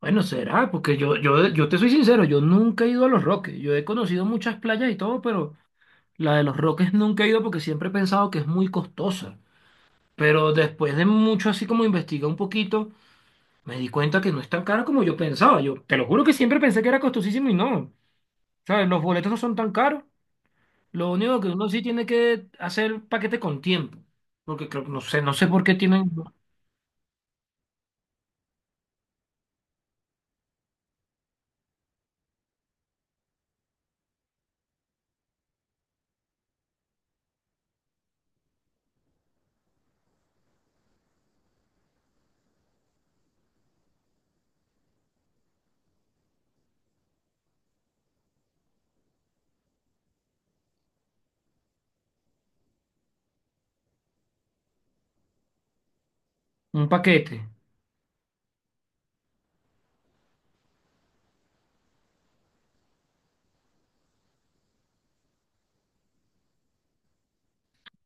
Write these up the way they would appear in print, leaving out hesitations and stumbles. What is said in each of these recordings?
Bueno, será, porque yo te soy sincero, yo nunca he ido a Los Roques. Yo he conocido muchas playas y todo, pero la de Los Roques nunca he ido porque siempre he pensado que es muy costosa. Pero después de mucho así como investigar un poquito, me di cuenta que no es tan cara como yo pensaba. Yo te lo juro que siempre pensé que era costosísimo y no. ¿Sabes? Los boletos no son tan caros. Lo único que uno sí tiene que hacer paquete con tiempo. Porque creo, no sé por qué tienen un paquete.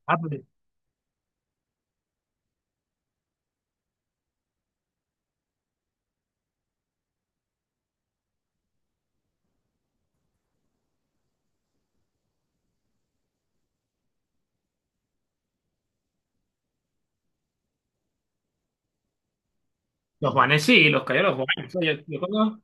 Ah, pero Los Juanes sí, los callos de los Juanes. O sea, yo conozco.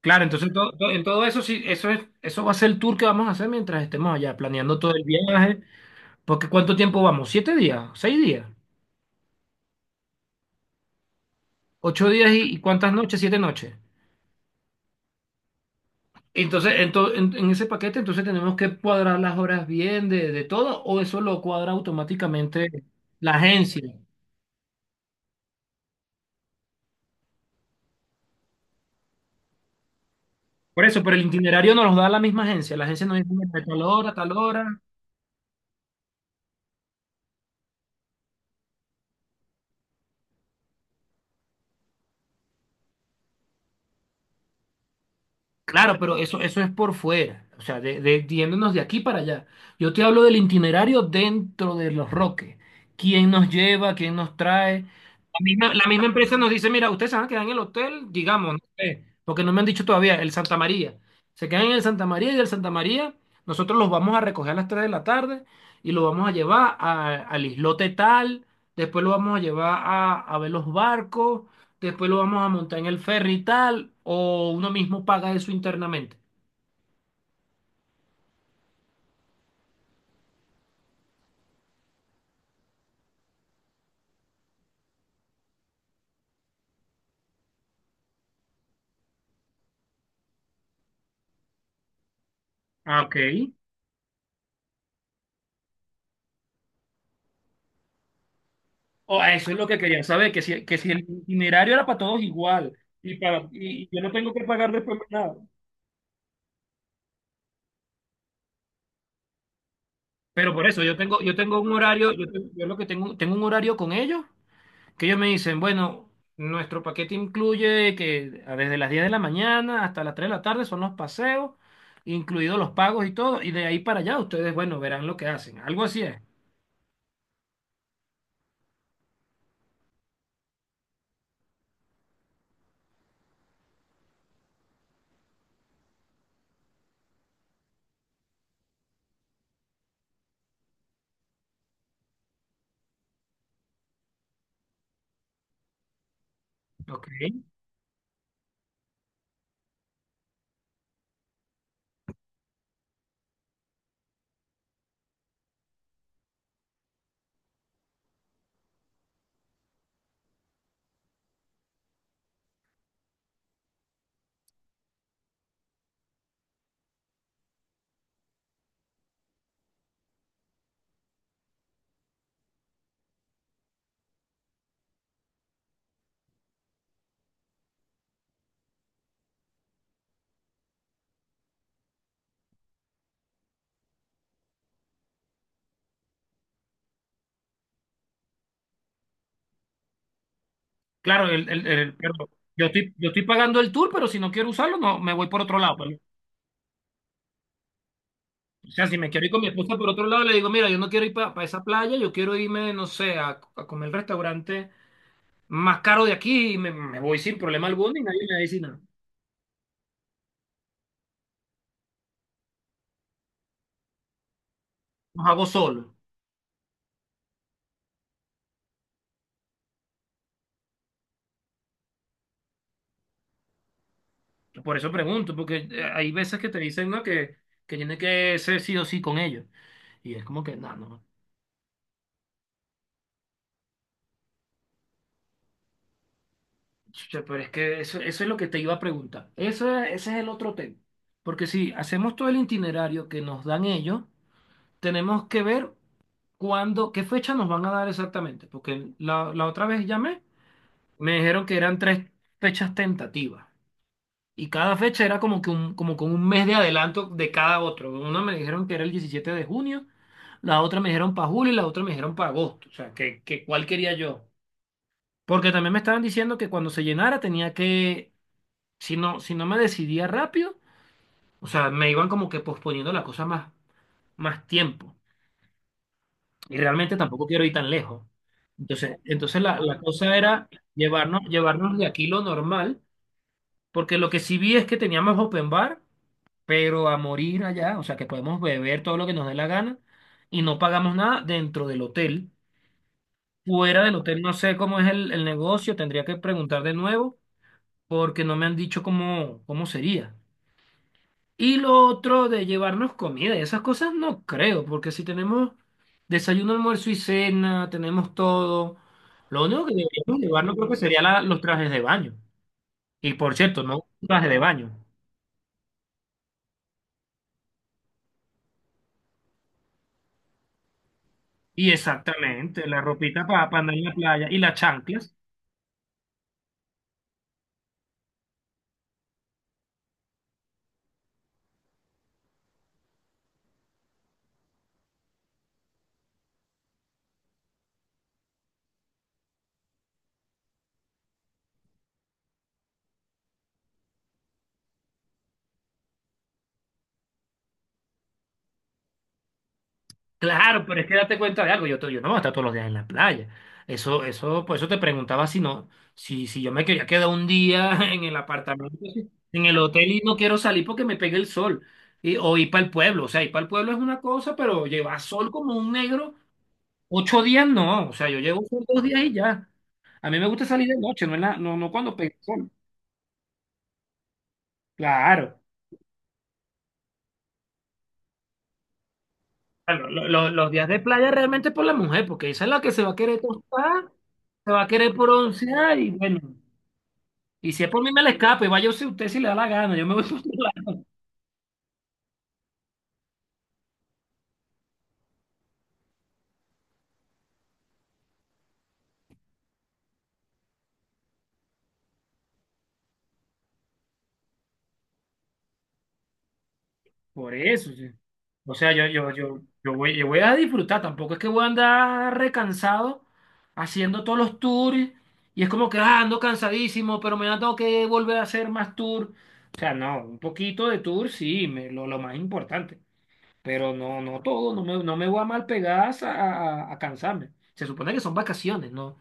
Claro, entonces en todo eso sí, eso es, eso va a ser el tour que vamos a hacer mientras estemos allá, planeando todo el viaje. Porque ¿cuánto tiempo vamos? ¿Siete días? ¿Seis días? ¿Ocho días y cuántas noches? ¿Siete noches? Entonces, en ese paquete, entonces tenemos que cuadrar las horas bien de, todo, o eso lo cuadra automáticamente la agencia. Por eso, pero el itinerario nos lo da la misma agencia. La agencia nos dice: "Mira, de tal hora, tal hora". Claro, pero eso es por fuera, o sea, yéndonos de aquí para allá. Yo te hablo del itinerario dentro de Los Roques. ¿Quién nos lleva? ¿Quién nos trae? La misma empresa nos dice, mira, ustedes se van a quedar en el hotel, digamos, no sé, porque no me han dicho todavía, el Santa María. Se quedan en el Santa María y del Santa María nosotros los vamos a recoger a las 3 de la tarde y los vamos a llevar al islote tal, después los vamos a llevar a ver los barcos, después lo vamos a montar en el ferry y tal, o uno mismo paga eso internamente. Ah, ok. O eso es lo que quería saber, que si el itinerario era para todos igual y, para, y yo no tengo que pagar después más nada. Pero por eso yo tengo un horario, yo, tengo, yo lo que tengo, tengo un horario con ellos, que ellos me dicen, bueno, nuestro paquete incluye que desde las 10 de la mañana hasta las 3 de la tarde son los paseos, incluidos los pagos y todo, y de ahí para allá ustedes, bueno, verán lo que hacen. Algo así es. Ok. Claro, pero yo estoy pagando el tour, pero si no quiero usarlo, no, me voy por otro lado, pues. O sea, si me quiero ir con mi esposa por otro lado, le digo, mira, yo no quiero ir para esa playa, yo quiero irme, no sé, a comer el restaurante más caro de aquí y me voy sin problema alguno y nadie me dice nada. Los hago solo. Por eso pregunto, porque hay veces que te dicen, ¿no? Que tiene que ser sí o sí con ellos. Y es como que, no, no. Chucha, pero es que eso es lo que te iba a preguntar. Eso, ese es el otro tema. Porque si hacemos todo el itinerario que nos dan ellos, tenemos que ver cuándo, qué fecha nos van a dar exactamente. Porque la otra vez llamé, me dijeron que eran tres fechas tentativas. Y cada fecha era como que un, como con un mes de adelanto de cada otro. Una me dijeron que era el 17 de junio, la otra me dijeron para julio y la otra me dijeron para agosto. O sea, que cuál quería yo. Porque también me estaban diciendo que cuando se llenara tenía que. Si no, me decidía rápido, o sea, me iban como que posponiendo la cosa más, más tiempo. Y realmente tampoco quiero ir tan lejos. Entonces, entonces la cosa era llevarnos, llevarnos de aquí lo normal, porque lo que sí vi es que teníamos open bar, pero a morir allá, o sea, que podemos beber todo lo que nos dé la gana y no pagamos nada dentro del hotel. Fuera del hotel no sé cómo es el negocio, tendría que preguntar de nuevo, porque no me han dicho cómo sería. Y lo otro de llevarnos comida y esas cosas no creo, porque si tenemos desayuno, almuerzo y cena, tenemos todo. Lo único que deberíamos llevarnos creo que sería los trajes de baño. Y por cierto, no un traje de baño. Y exactamente, la ropita para andar en la playa y las chanclas. Claro, pero es que date cuenta de algo, yo, yo no voy a estar todos los días en la playa. Eso, por eso te preguntaba si no, si yo me quería quedar un día en el apartamento, sí, en el hotel y no quiero salir porque me pegue el sol. Y, o ir para el pueblo. O sea, ir para el pueblo es una cosa, pero llevar sol como un negro, 8 días no. O sea, yo llevo sol 2 días y ya. A mí me gusta salir de noche, no, no, no cuando pega el sol. Claro. Claro, los días de playa realmente es por la mujer, porque esa es la que se va a querer tostar, se va a querer broncear y bueno. Y si es por mí, me le escapo y vaya usted si le da la gana. Yo me voy por otro lado. Por eso, sí. O sea, yo voy a disfrutar. Tampoco es que voy a andar recansado haciendo todos los tours. Y es como que ah, ando cansadísimo, pero me tengo que volver a hacer más tours. O sea, no, un poquito de tour sí, lo más importante. Pero no, no todo, no me voy a mal pegar a, a cansarme. Se supone que son vacaciones, ¿no?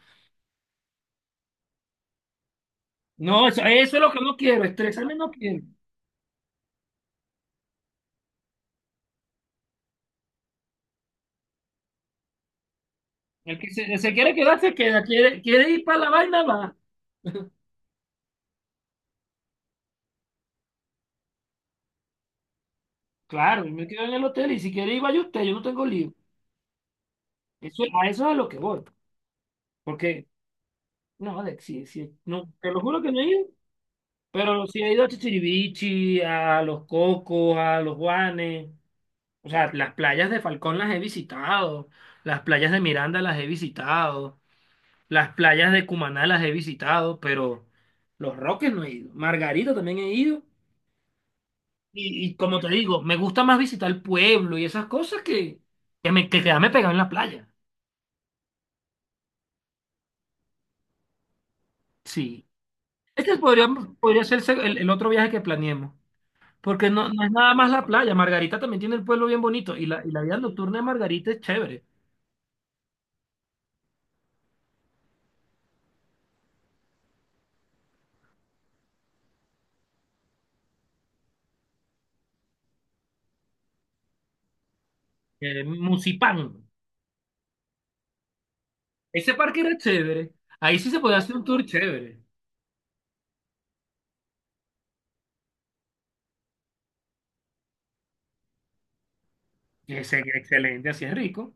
No, eso es lo que no quiero, estresarme no quiero. El que se quiere quedar, se queda. Quiere, quiere ir para la vaina, va. Claro, yo me quedo en el hotel y si quiere ir, vaya usted, yo no tengo lío. Eso, a eso es a lo que voy. Porque, no, Alex, sí, sí, no, te lo juro que no he ido, pero sí he ido a Chichirivichi, a Los Cocos, a Los Guanes. O sea, las playas de Falcón las he visitado, las playas de Miranda las he visitado, las playas de Cumaná las he visitado, pero Los Roques no he ido. Margarita también he ido. Y como te digo, me gusta más visitar el pueblo y esas cosas que, que quedarme pegado en la playa. Sí. Este podría, podría ser el otro viaje que planeemos. Porque no, no es nada más la playa. Margarita también tiene el pueblo bien bonito. Y la vida nocturna de Margarita es chévere. Musipán. Ese parque era chévere. Ahí sí se podía hacer un tour chévere. Ese, excelente, así es rico.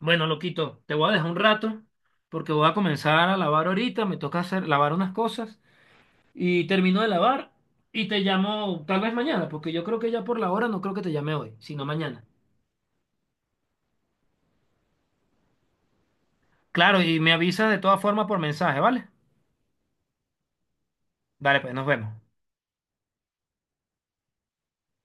Bueno, loquito, te voy a dejar un rato porque voy a comenzar a lavar ahorita. Me toca hacer, lavar unas cosas. Y termino de lavar y te llamo tal vez mañana, porque yo creo que ya por la hora no creo que te llame hoy, sino mañana. Claro, y me avisas de todas formas por mensaje, ¿vale? Dale, pues nos vemos.